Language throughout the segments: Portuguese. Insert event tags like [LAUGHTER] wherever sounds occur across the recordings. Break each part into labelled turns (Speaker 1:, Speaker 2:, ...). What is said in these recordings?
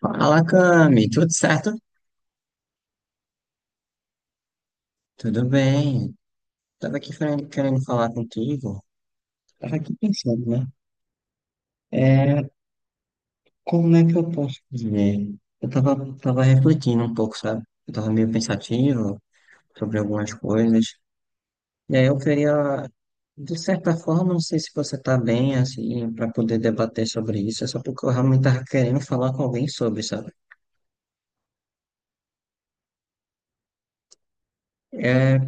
Speaker 1: Fala, Cami, tudo certo? Tudo bem. Tava aqui querendo falar contigo. Tava aqui pensando, né? É, Como é que eu posso dizer? Eu tava refletindo um pouco, sabe? Eu tava meio pensativo sobre algumas coisas. E aí eu queria, de certa forma, não sei se você tá bem, assim, para poder debater sobre isso. É só porque eu realmente tava querendo falar com alguém sobre, sabe? É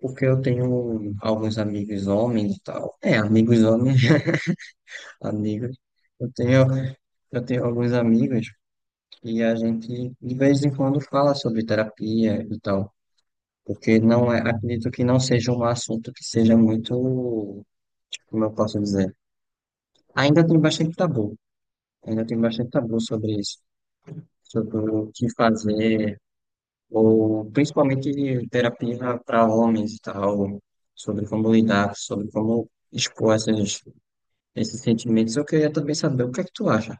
Speaker 1: porque eu tenho alguns amigos homens e tal. É, amigos homens, [LAUGHS] amigos. Eu tenho Eu tenho alguns amigos que a gente de vez em quando fala sobre terapia e tal, porque não é, acredito que não seja um assunto que seja muito, tipo, como eu posso dizer, ainda tem bastante tabu, ainda tem bastante tabu sobre isso, sobre o que fazer, ou principalmente terapia para homens e tal, sobre como lidar, sobre como expor esses sentimentos. Eu queria também saber o que é que tu acha.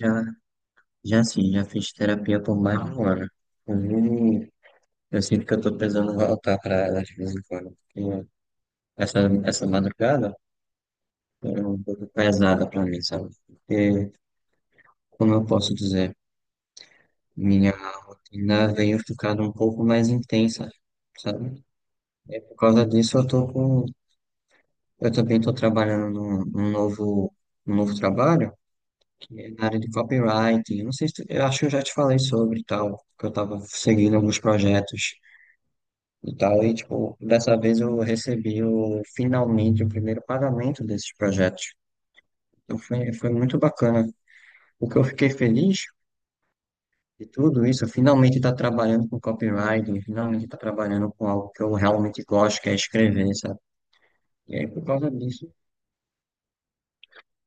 Speaker 1: Já Já sim, já fiz terapia por mais de um ano. Inclusive, eu sinto que eu tô precisando voltar para ela de vez em quando, porque essa, essa madrugada foi um pouco pesada para mim, sabe? Porque, como eu posso dizer, minha rotina veio ficando um pouco mais intensa, sabe? Por causa disso, eu também tô trabalhando num novo trabalho, que é na área de copywriting. Eu Não sei se, eu acho que eu já te falei sobre e tal, que eu tava seguindo alguns projetos e tal. E, tipo, dessa vez eu recebi finalmente o primeiro pagamento desses projetos. Então foi muito bacana. O que eu fiquei feliz de tudo isso, eu finalmente estar trabalhando com copywriting, finalmente estar trabalhando com algo que eu realmente gosto, que é escrever, sabe? E aí, por causa disso,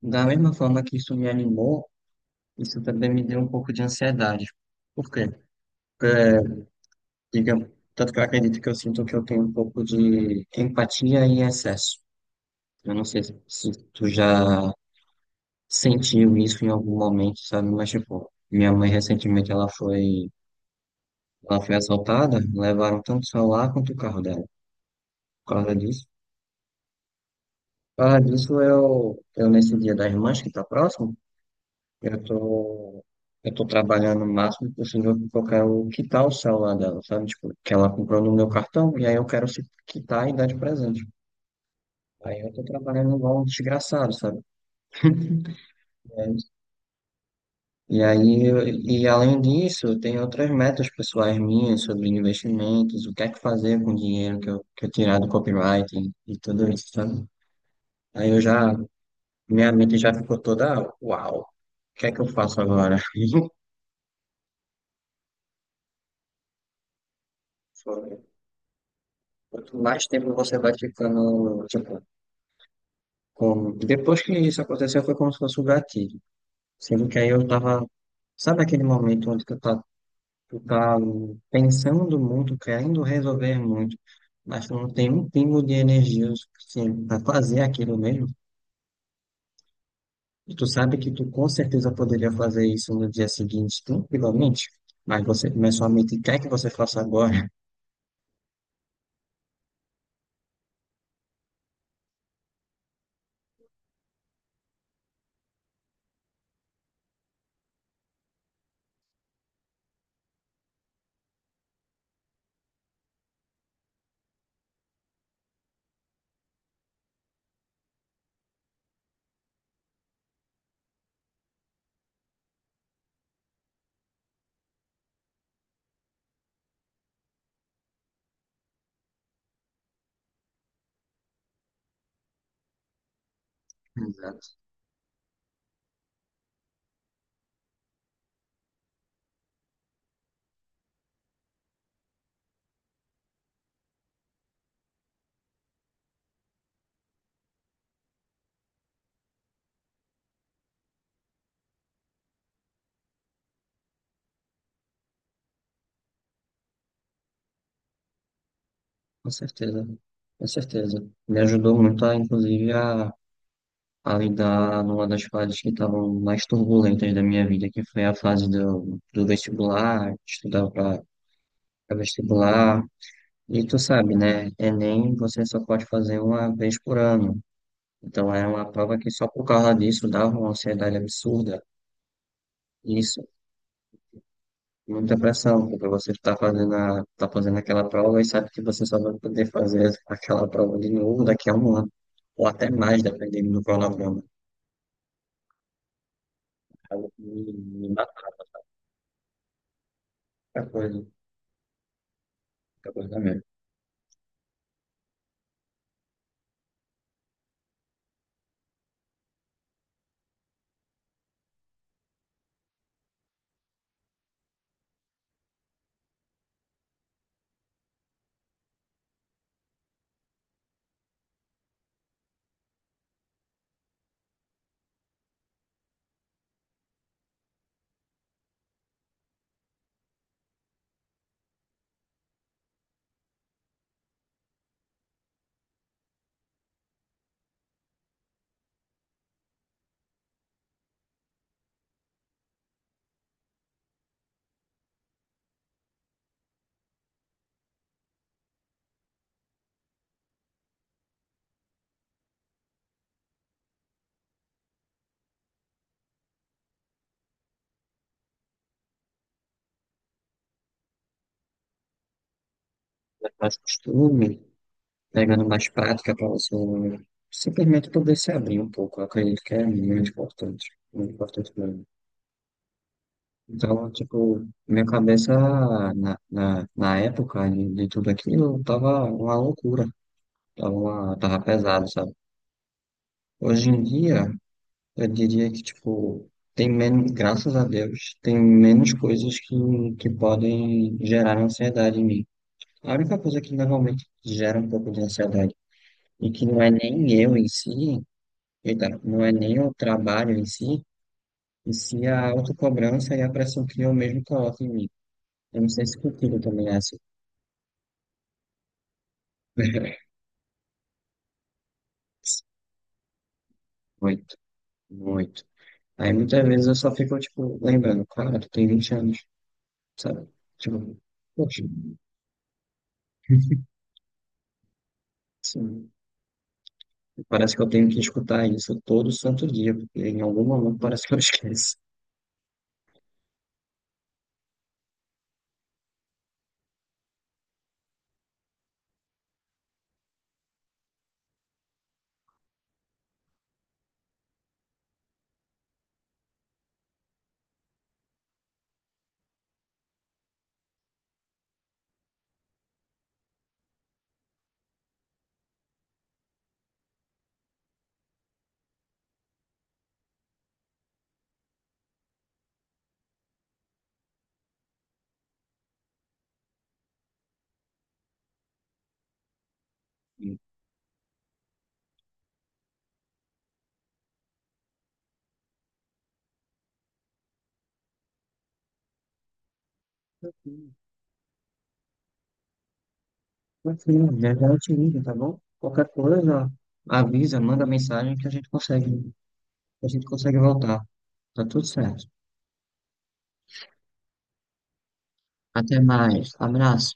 Speaker 1: da mesma forma que isso me animou, isso também me deu um pouco de ansiedade. Por quê? Porque, digamos, tanto que eu acredito que eu sinto que eu tenho um pouco de empatia em excesso. Eu não sei se tu já sentiu isso em algum momento, sabe? Mas, tipo, minha mãe recentemente ela foi assaltada, levaram tanto o celular quanto o carro dela. Por causa disso. Por causa disso, eu nesse dia das mães que tá próximo, eu tô, eu tô trabalhando o máximo possível porque eu quero quitar o celular dela, sabe? Tipo, que ela comprou no meu cartão e aí eu quero se quitar e dar de presente. Aí eu tô trabalhando igual um desgraçado, sabe? E aí, e além disso, tem outras metas pessoais minhas sobre investimentos, o que é que fazer com o dinheiro que eu tirar do copyright e tudo isso, sabe? Aí eu já, minha mente já ficou toda, uau, o que é que eu faço agora? [LAUGHS] Foi- Quanto mais tempo você vai ficando, tipo, com depois que isso aconteceu foi como se fosse um gatilho, sendo que aí eu tava, sabe aquele momento onde que tu tá pensando muito, querendo resolver muito, mas tu não tem um pingo de energia o suficiente para fazer aquilo mesmo. E tu sabe que tu com certeza poderia fazer isso no dia seguinte, tranquilamente, mas você começou a mente quer que você faça agora. [LAUGHS] Exato. Com com certeza. Me ajudou muito, inclusive, a lidar numa das fases que estavam mais turbulentas da minha vida, que foi a fase do vestibular, estudar para vestibular. E tu sabe, né? Enem você só pode fazer uma vez por ano. Então é uma prova que só por causa disso dava uma ansiedade absurda. Isso, muita pressão, porque você está fazendo, tá fazendo aquela prova e sabe que você só vai poder fazer aquela prova de novo daqui a um ano, ou até mais, dependendo do cronograma. Algo que me matou muita coisa, muita coisa mesmo. Mais costume, pegando mais prática para você simplesmente poder se abrir um pouco. Eu acredito que é muito importante mesmo. Então, tipo, minha cabeça na época de tudo aquilo tava uma loucura, tava pesado, sabe? Hoje em dia, eu diria que, tipo, tem menos, graças a Deus, tem menos coisas que podem gerar ansiedade em mim. A única coisa que normalmente gera um pouco de ansiedade, e que não é nem eu em si, eita, não é nem o trabalho em si, e sim a autocobrança e a pressão que eu mesmo coloco em mim. Eu não sei se contigo também é assim. [LAUGHS] Muito, muito. Aí muitas vezes eu só fico, tipo, lembrando, cara, tu tem 20 anos, sabe? Tipo, poxa, assim, parece que eu tenho que escutar isso todo santo dia, porque em algum momento parece que eu [LAUGHS] esqueço. Mas sim, já já eu te ligo, tá bom? Qualquer coisa, avisa, manda mensagem que a gente consegue, que a gente consegue voltar. Tá tudo certo. Até mais. Abraço.